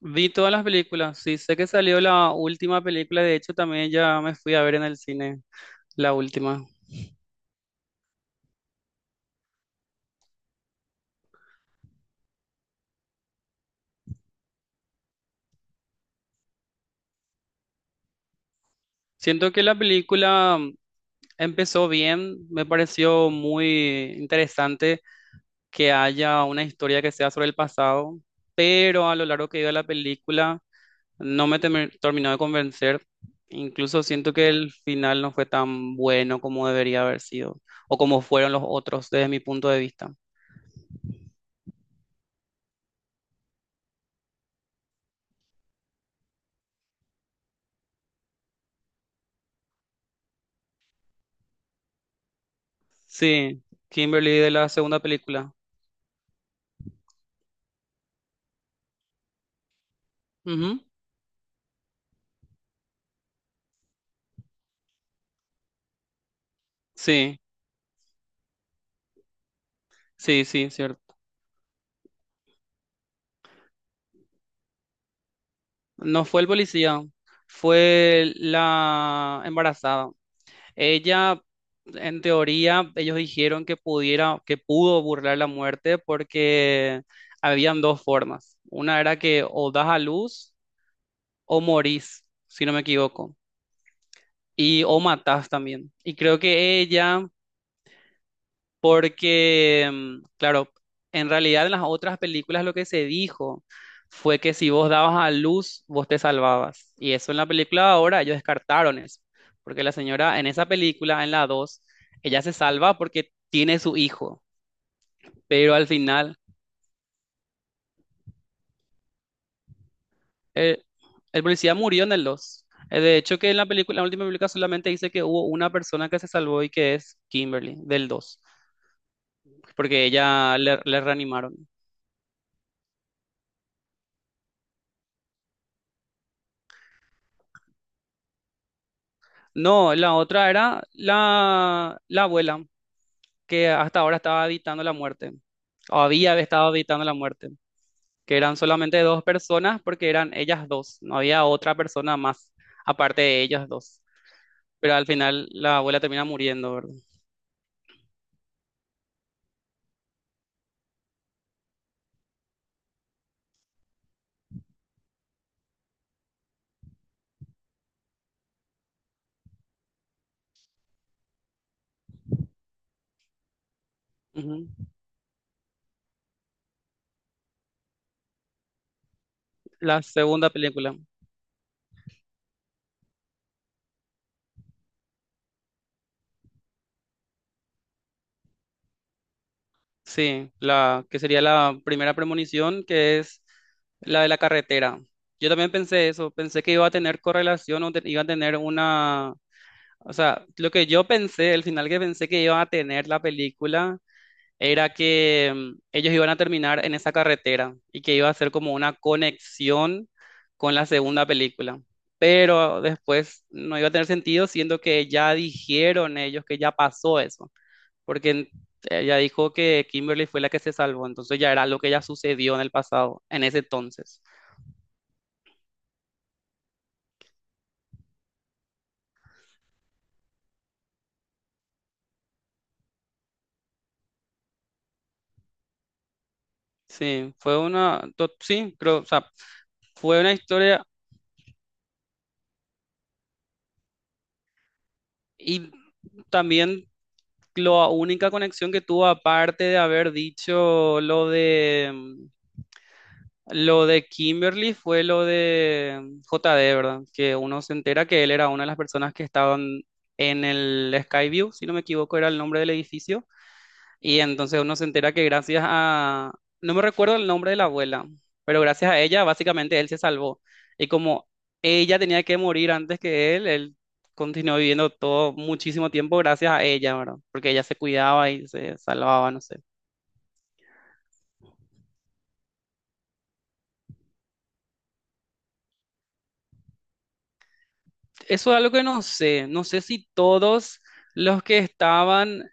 Vi todas las películas, sí, sé que salió la última película, de hecho también ya me fui a ver en el cine la última. Siento que la película empezó bien, me pareció muy interesante que haya una historia que sea sobre el pasado, pero a lo largo que iba la película no me terminó de convencer. Incluso siento que el final no fue tan bueno como debería haber sido, o como fueron los otros desde mi punto de vista. Sí, Kimberly de la segunda película. Sí, sí, sí, cierto. No fue el policía, fue la embarazada. Ella, en teoría, ellos dijeron que pudo burlar la muerte porque habían dos formas. Una era que o das a luz o morís, si no me equivoco, y o matás también. Y creo que ella porque, claro, en realidad en las otras películas lo que se dijo fue que si vos dabas a luz, vos te salvabas. Y eso en la película de ahora ellos descartaron eso. Porque la señora en esa película, en la 2 ella se salva porque tiene su hijo. Pero al final, eh, el policía murió en el 2. De hecho, que en la película, la última película solamente dice que hubo una persona que se salvó y que es Kimberly, del 2, porque ella le reanimaron. No, la otra era la abuela, que hasta ahora estaba evitando la muerte, o había estado evitando la muerte, que eran solamente dos personas porque eran ellas dos, no había otra persona más aparte de ellas dos. Pero al final la abuela termina muriendo, ¿verdad? Ujú. La segunda película, sí, la que sería la primera premonición, que es la de la carretera. Yo también pensé eso, pensé que iba a tener correlación o iba a tener una... O sea, lo que yo pensé, el final que pensé que iba a tener la película era que ellos iban a terminar en esa carretera y que iba a ser como una conexión con la segunda película. Pero después no iba a tener sentido, siendo que ya dijeron ellos que ya pasó eso, porque ella dijo que Kimberly fue la que se salvó, entonces ya era lo que ya sucedió en el pasado, en ese entonces. Sí, fue sí, creo, o sea, fue una historia y también la única conexión que tuvo, aparte de haber dicho lo de Kimberly, fue lo de J JD, ¿verdad? Que uno se entera que él era una de las personas que estaban en el Skyview, si no me equivoco, era el nombre del edificio. Y entonces uno se entera que gracias a, no me recuerdo el nombre de la abuela, pero gracias a ella básicamente él se salvó. Y como ella tenía que morir antes que él continuó viviendo todo muchísimo tiempo gracias a ella, ¿verdad? Porque ella se cuidaba y se salvaba, no sé. Eso es algo que no sé, no sé si todos los que estaban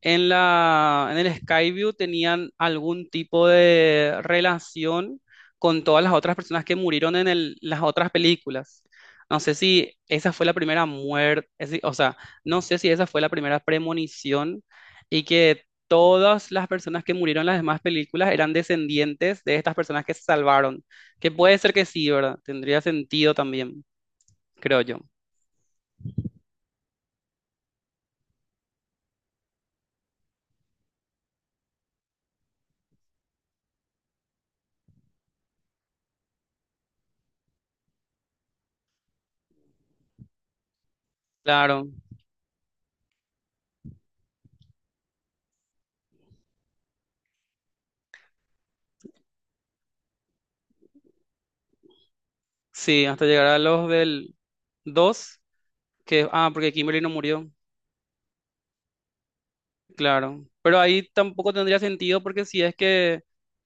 en en el Skyview tenían algún tipo de relación con todas las otras personas que murieron en las otras películas. No sé si esa fue la primera muerte, o sea, no sé si esa fue la primera premonición y que todas las personas que murieron en las demás películas eran descendientes de estas personas que se salvaron. Que puede ser que sí, ¿verdad? Tendría sentido también, creo yo. Claro, sí, hasta llegar a los del dos. Que, ah, porque Kimberly no murió, claro. Pero ahí tampoco tendría sentido porque si es que,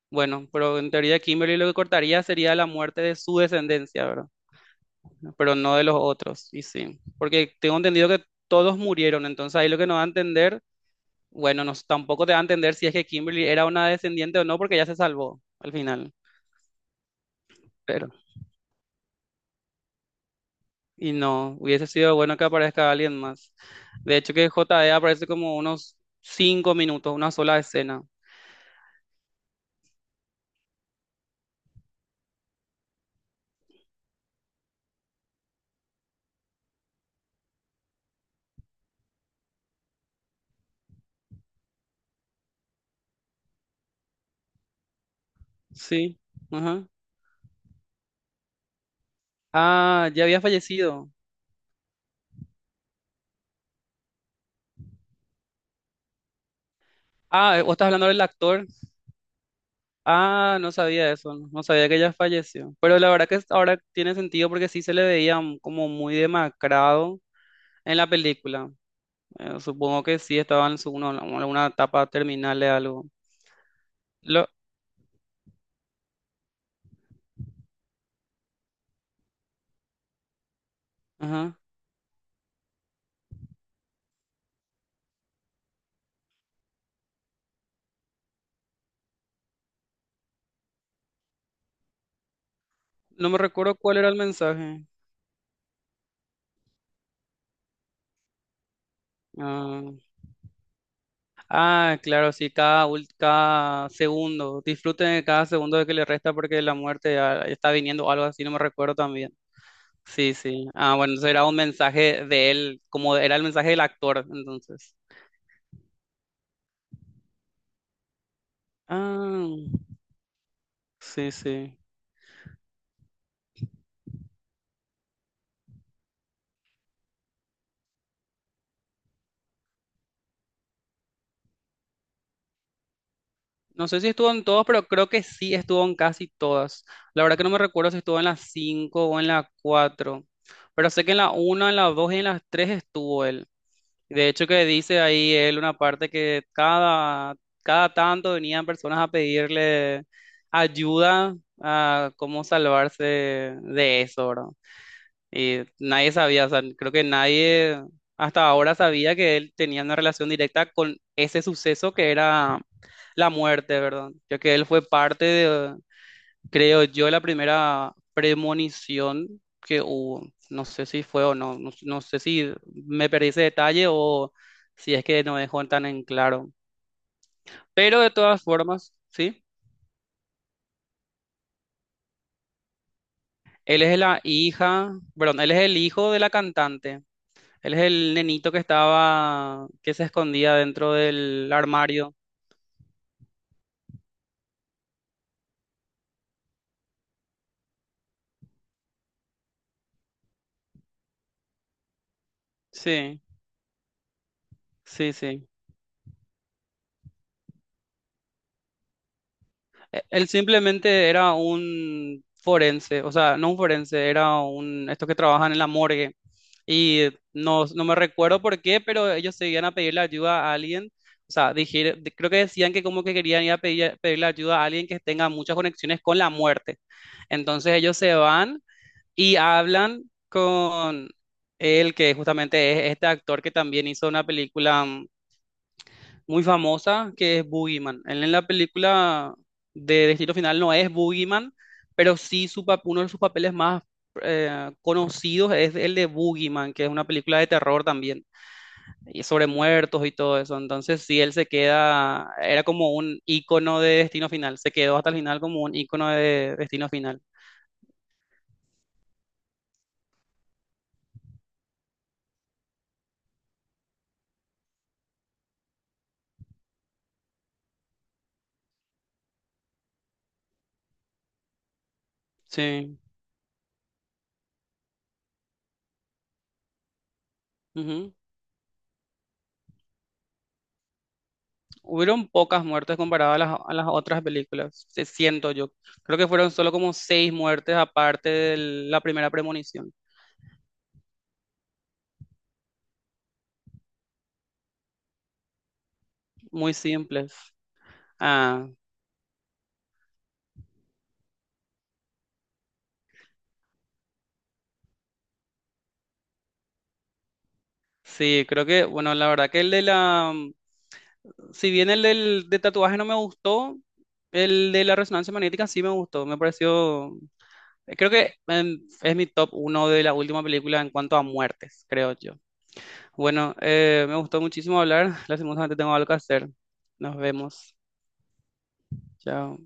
bueno, pero en teoría Kimberly lo que cortaría sería la muerte de su descendencia, ¿verdad? Pero no de los otros, y sí. Porque tengo entendido que todos murieron, entonces ahí lo que nos va a entender, bueno, nos, tampoco te va a entender si es que Kimberly era una descendiente o no porque ya se salvó al final. Pero, y no, hubiese sido bueno que aparezca alguien más. De hecho que JD aparece como unos cinco minutos, una sola escena. Sí. Ajá. Ah, ya había fallecido. Ah, vos estás hablando del actor. Ah, no sabía eso, no sabía que ya falleció. Pero la verdad que ahora tiene sentido porque sí se le veía como muy demacrado en la película. Supongo que sí estaba en su, alguna etapa terminal de algo. Lo, ajá. No me recuerdo cuál era el mensaje. Ah, ah, claro, sí, cada segundo. Disfruten de cada segundo de que le resta porque la muerte ya está viniendo o algo así, no me recuerdo también. Sí, sí. Ah, bueno, eso era un mensaje de él, como era el mensaje del actor, entonces. Ah, sí, sí. No sé si estuvo en todos, pero creo que sí estuvo en casi todas. La verdad que no me recuerdo si estuvo en las 5 o en las 4, pero sé que en la una, en las 2 y en las 3 estuvo él. De hecho que dice ahí él una parte que cada tanto venían personas a pedirle ayuda a cómo salvarse de eso, ¿verdad? Nadie sabía, o sea, creo que nadie hasta ahora sabía que él tenía una relación directa con ese suceso que era la muerte, ¿verdad? Ya que él fue parte de, creo yo, la primera premonición que hubo. No sé si fue o no, no sé si me perdí ese detalle o si es que no dejó tan en claro. Pero de todas formas, sí, él es la hija, perdón, él es el hijo de la cantante. Él es el nenito que estaba, que se escondía dentro del armario. Sí, sí, sí. Él simplemente era un forense, o sea, no un forense, era un, estos que trabajan en la morgue. Y no, no me recuerdo por qué, pero ellos se iban a pedirle ayuda a alguien. O sea, creo que decían que como que querían ir a pedirle ayuda a alguien que tenga muchas conexiones con la muerte. Entonces ellos se van y hablan con él, que justamente es este actor que también hizo una película muy famosa, que es Boogeyman. Él en la película de Destino Final no es Boogeyman, pero sí uno de sus papeles más conocidos es el de Boogeyman, que es una película de terror también, y sobre muertos y todo eso. Entonces sí, él se queda, era como un ícono de Destino Final, se quedó hasta el final como un ícono de Destino Final. Sí. Hubieron pocas muertes comparadas a a las otras películas, siento yo. Creo que fueron solo como seis muertes aparte de la primera premonición. Muy simples. Ah, sí, creo que, bueno, la verdad que el de si bien el del de tatuaje no me gustó, el de la resonancia magnética sí me gustó. Me pareció, creo que es mi top uno de la última película en cuanto a muertes, creo yo. Bueno, me gustó muchísimo hablar. Lastimosamente tengo algo que hacer. Nos vemos. Chao.